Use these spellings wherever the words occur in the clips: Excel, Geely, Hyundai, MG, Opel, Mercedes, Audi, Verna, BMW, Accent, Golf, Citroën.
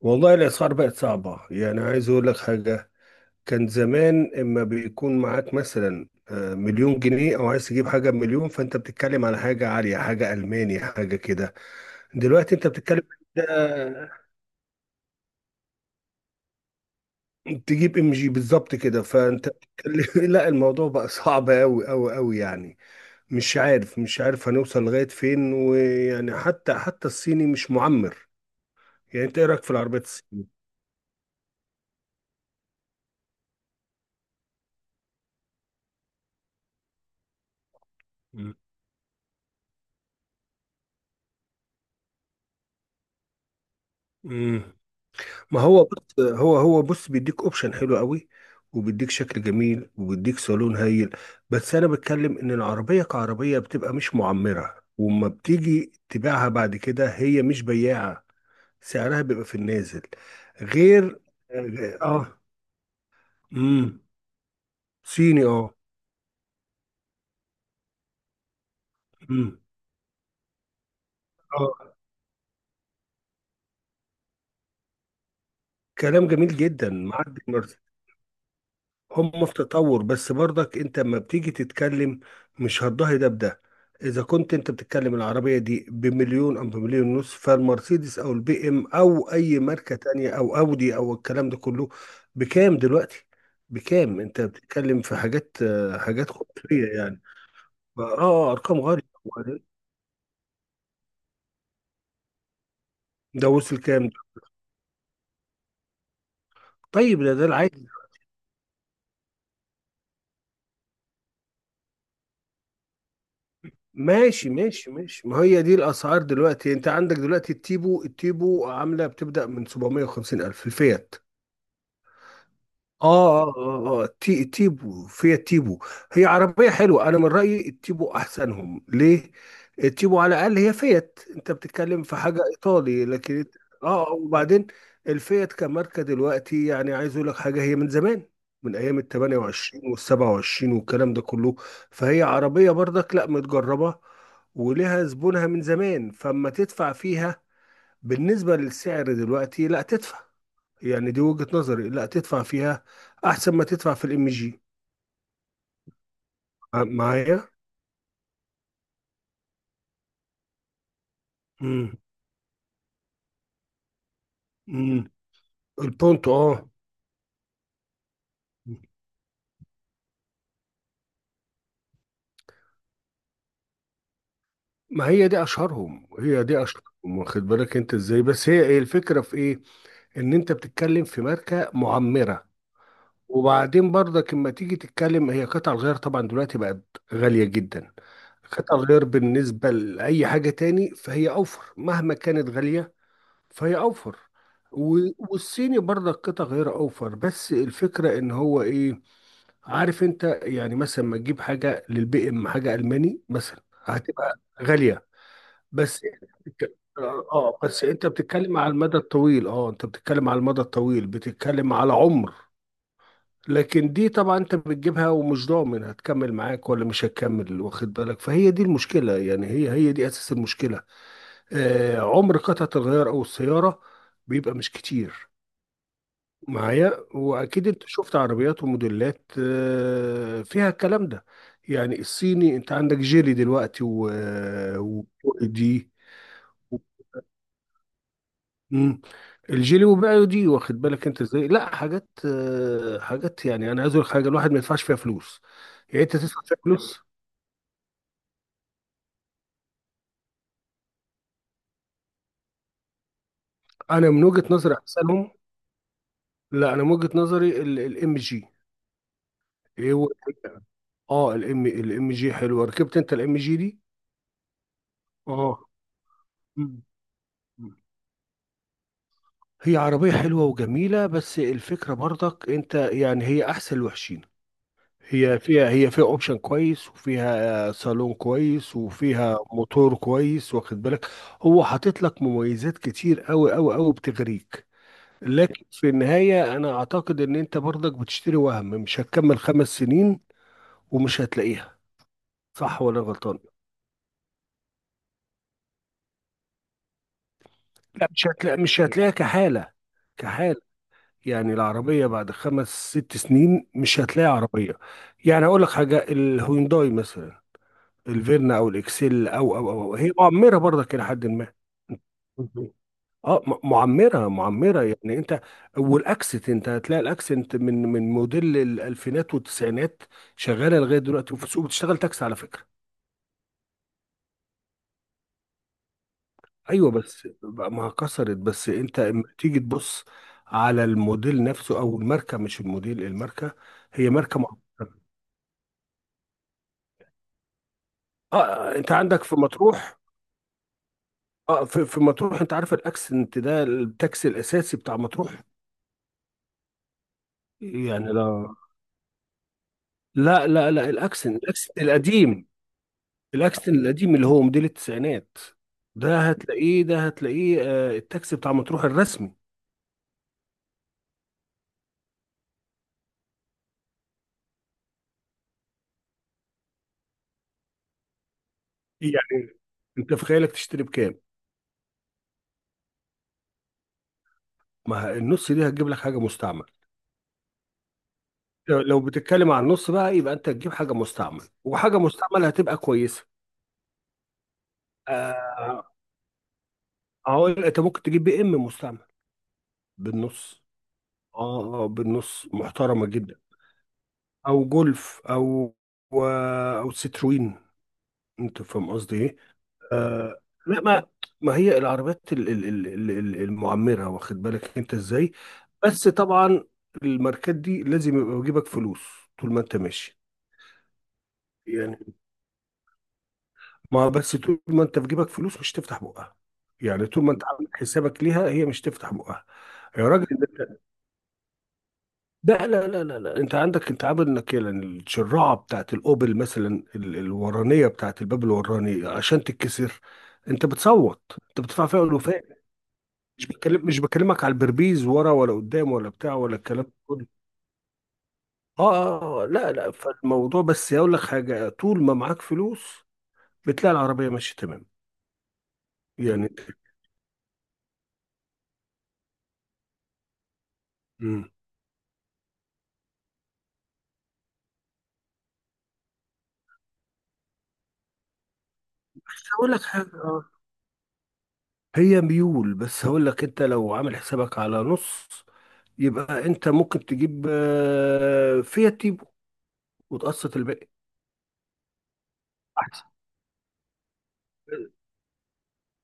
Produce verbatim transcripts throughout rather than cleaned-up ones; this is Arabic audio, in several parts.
والله الأسعار بقت صعبة، يعني عايز أقول لك حاجة. كان زمان إما بيكون معاك مثلا آه، مليون جنيه، أو عايز تجيب حاجة بمليون، فأنت بتتكلم على حاجة عالية، حاجة ألماني، حاجة كده. دلوقتي أنت بتتكلم آه، تجيب ام جي بالظبط كده، فأنت بتتكلم لا، الموضوع بقى صعب أوي أوي أوي يعني. مش عارف مش عارف هنوصل لغاية فين، ويعني حتى حتى الصيني مش معمر. يعني أنت إيه رأيك في العربيات الصينية؟ مم. ما هو بص، هو هو بص بيديك اوبشن حلو قوي، وبيديك شكل جميل، وبيديك صالون هايل. بس انا بتكلم ان العربيه كعربيه بتبقى مش معمره، وما بتيجي تبيعها بعد كده هي مش بياعه. سعرها بيبقى في النازل. غير. اه. امم. صيني اه. امم. اه. كلام جميل جدا معدي المرسى. هم في تطور، بس برضك انت لما بتيجي تتكلم، مش هتضاهي ده بده. اذا كنت انت بتتكلم العربية دي بمليون او بمليون ونص، فالمرسيدس او البي ام او اي ماركة تانية او اودي او الكلام ده كله بكام دلوقتي؟ بكام؟ انت بتتكلم في حاجات آه، حاجات خرافية يعني. اه، آه، ارقام غالية. ده وصل كام ده؟ طيب ده ده العادي. ماشي ماشي ماشي، ما هي دي الاسعار دلوقتي. انت عندك دلوقتي التيبو التيبو عامله بتبدا من 750 الف، الفيات. اه اه اه آه. تي تيبو، فيها تيبو. هي عربية حلوة، انا من رأيي التيبو احسنهم ليه. التيبو على الاقل هي فيات، انت بتتكلم في حاجة ايطالي، لكن إنت- اه، آه، وبعدين الفيات كماركة دلوقتي، يعني عايز اقول لك حاجة، هي من زمان، من ايام ال تمنية وعشرين وال سبعة وعشرين والكلام ده كله. فهي عربية برضك لا متجربة، ولها زبونها من زمان. فاما تدفع فيها، بالنسبة للسعر دلوقتي، لا. يعني دي وجهة نظري، لا تدفع فيها، احسن ما تدفع في الام جي. آه، معايا. امم. امم. البونتو اه. ما هي دي اشهرهم، هي دي اشهرهم، واخد بالك انت ازاي؟ بس هي ايه؟ الفكره في ايه؟ ان انت بتتكلم في ماركه معمره. وبعدين برضك لما تيجي تتكلم، هي قطع الغيار طبعا دلوقتي بقت غاليه جدا. قطع الغيار بالنسبه لاي حاجه تاني فهي اوفر، مهما كانت غاليه فهي اوفر. و- والصيني برضك قطع غير اوفر، بس الفكره ان هو ايه؟ عارف انت، يعني مثلا ما تجيب حاجه للبي ام، حاجه الماني مثلا هتبقى غاليه. بس بتك- اه، آه، بس انت بتتكلم على المدى الطويل. اه انت بتتكلم على المدى الطويل، بتتكلم على عمر. لكن دي طبعا انت بتجيبها ومش ضامن هتكمل معاك ولا مش هتكمل، واخد بالك. فهي دي المشكله يعني، هي هي دي اساس المشكله. آه عمر قطعه الغيار او السياره بيبقى مش كتير معايا. واكيد انت شفت عربيات وموديلات آه، فيها الكلام ده. يعني الصيني انت عندك جيلي دلوقتي و و- دي. مم. الجيلي وبيعوا دي، واخد بالك انت ازاي؟ لا حاجات آه، حاجات، يعني انا عايز اقول لك حاجه، الواحد ما يدفعش فيها فلوس. يعني انت تدفع فيها فلوس؟ انا من وجهه نظري احسنهم، لا، انا من وجهه نظري الام جي. ايه هو؟ اه الام الام جي حلوه، ركبت انت الام جي دي؟ اه. مم. هي عربية حلوة وجميلة، بس الفكرة برضك انت يعني هي احسن الوحشين. هي فيها هي فيها اوبشن كويس، وفيها آه، صالون كويس، وفيها موتور كويس، واخد بالك. هو حاطط لك مميزات كتير قوي قوي قوي بتغريك، لكن في النهاية انا اعتقد ان انت برضك بتشتري وهم، مش هتكمل خمس سنين ومش هتلاقيها، صح ولا غلطان؟ لا، مش هتلاقي مش هتلاقيها كحالة. كحالة، يعني العربية بعد خمس ست سنين مش هتلاقي عربية. يعني أقول لك حاجة، الهيونداي مثلا، الفيرنا أو الإكسيل، أو أو أو أو، هي معمرة برضك إلى حد ما. مهم. اه، م- معمرة معمرة يعني انت. والاكسنت، انت هتلاقي الاكسنت من من موديل الالفينات والتسعينات شغالة لغاية دلوقتي، وفي السوق بتشتغل تاكسي على فكرة. ايوه، بس بقى ما كسرت. بس انت اما تيجي تبص على الموديل نفسه او الماركة، مش الموديل، الماركة. هي ماركة معمرة. اه، آه، انت عندك في مطروح، اه في, في مطروح، انت عارف الاكسنت ده التاكسي الاساسي بتاع مطروح. يعني لا لا لا لا، الاكسنت، الاكسنت القديم. الاكسنت القديم اللي هو موديل التسعينات، ده هتلاقيه ده هتلاقيه آه التاكسي بتاع مطروح الرسمي. يعني انت في خيالك تشتري بكام؟ ما النص دي هتجيب لك حاجه مستعمل. لو لو بتتكلم عن النص بقى، يبقى انت تجيب حاجه مستعمل، وحاجه مستعمل هتبقى كويسه. آه هقول انت ممكن تجيب بي ام مستعمل، بالنص. اه اه، بالنص محترمة جدا. او جولف، او آه، او ستروين، انت فاهم قصدي ايه. آه لا ما. ما هي العربيات ال- ال- ال- ال- ال- المعمرة، واخد بالك انت ازاي. بس طبعا الماركات دي لازم يبقى في جيبك فلوس طول ما انت ماشي. يعني، ما بس طول ما انت في جيبك فلوس مش تفتح بقها، يعني طول ما انت عامل حسابك ليها هي مش تفتح بقها. يا راجل، لا لا لا لا لا، انت عندك، انت عامل انك يعني الشراعه بتاعت الاوبل مثلا، ال- الورانيه بتاعت الباب الوراني عشان تتكسر انت بتصوت، انت بتدفع فيها الوفاء. مش بكلم مش بكلمك على البربيز ورا ولا قدام ولا بتاع ولا الكلام ده كله. اه اه، آه، لا لا، فالموضوع بس يقول لك حاجه، طول ما معاك فلوس بتلاقي العربيه ماشيه تمام. يعني. مم. بس هقول لك حاجه، آه، هي ميول. بس هقول لك انت لو عامل حسابك على نص، يبقى انت ممكن تجيب آه، فيها تيبو وتقسط الباقي، احسن.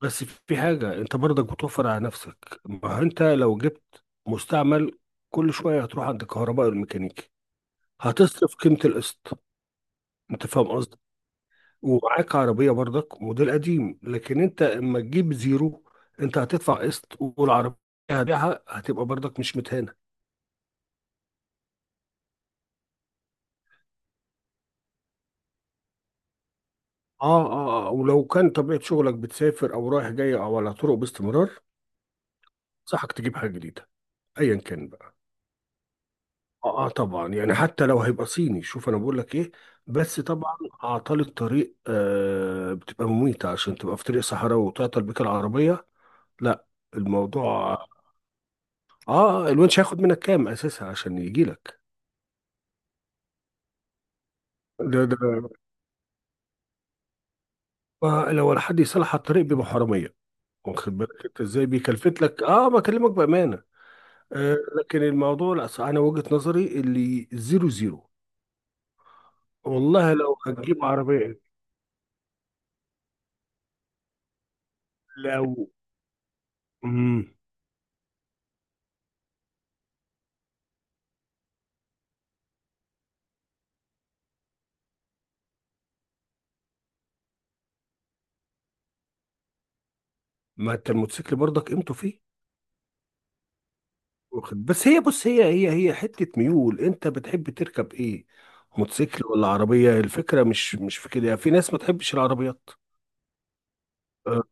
بس في حاجة انت برضك بتوفر على نفسك، ما هو انت لو جبت مستعمل كل شوية هتروح عند كهرباء الميكانيكي، هتصرف قيمة القسط، انت فاهم قصدي. ومعاك عربية برضك موديل قديم، لكن انت اما تجيب زيرو، انت هتدفع قسط، والعربية هتبيعها هتبقى برضك مش متهان. اه اه آه. ولو كان طبيعة شغلك بتسافر او رايح جاي او على طرق باستمرار، صحك تجيب حاجة جديدة ايا كان بقى. اه, آه طبعا يعني، حتى لو هيبقى صيني. شوف انا بقول لك ايه، بس طبعا اعطال الطريق آه بتبقى مميتة، عشان تبقى في طريق صحراوي وتعطل بيك العربية، لا. الموضوع، اه، الونش هياخد منك كام اساسا عشان يجي لك؟ ده ده ما لو ولا حد يصلح على الطريق بيبقى حرامية، واخد بالك انت ازاي، بيكلفت لك، اه بكلمك بأمانة. آه، لكن الموضوع لا صح، انا وجهة نظري اللي زيرو زيرو. والله لو هتجيب عربية، لو. مم. ما انت الموتوسيكل برضك قيمته فيه، واخد. بس هي بص، هي هي هي حتة ميول، انت بتحب تركب ايه، موتوسيكل ولا عربية؟ الفكرة مش مش في كده، يعني في ناس ما تحبش العربيات. آه،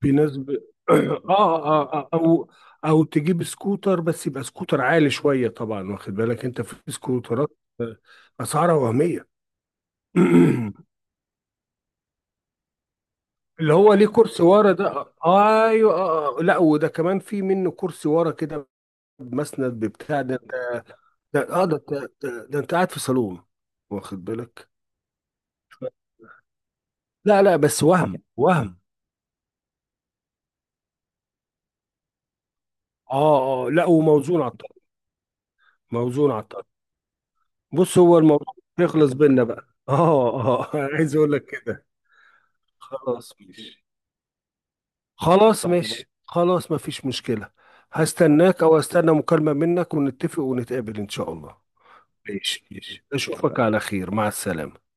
في ناس ب... آه, آه, آه او او تجيب سكوتر، بس يبقى سكوتر عالي شوية طبعا، واخد بالك، انت في سكوترات آه، اسعارها وهمية. اللي هو ليه كرسي ورا ده، آه، ايوه، آه. آه. آه. لا وده كمان في منه كرسي ورا كده، بمسند ببتاع، ده ده. ده- اه ده ده, ده, ده انت قاعد في صالون، واخد بالك. لا لا، بس وهم وهم. اه اه، لا، وموزون على الطاوله. موزون على الطاوله. بص هو الموضوع يخلص بينا بقى، اه اه عايز اقول لك كده. خلاص ماشي. خلاص ماشي، خلاص مفيش مشكلة. هستناك، او استنى مكالمة منك ونتفق ونتقابل ان شاء الله. ماشي ماشي، أشوفك على خير، مع السلامة.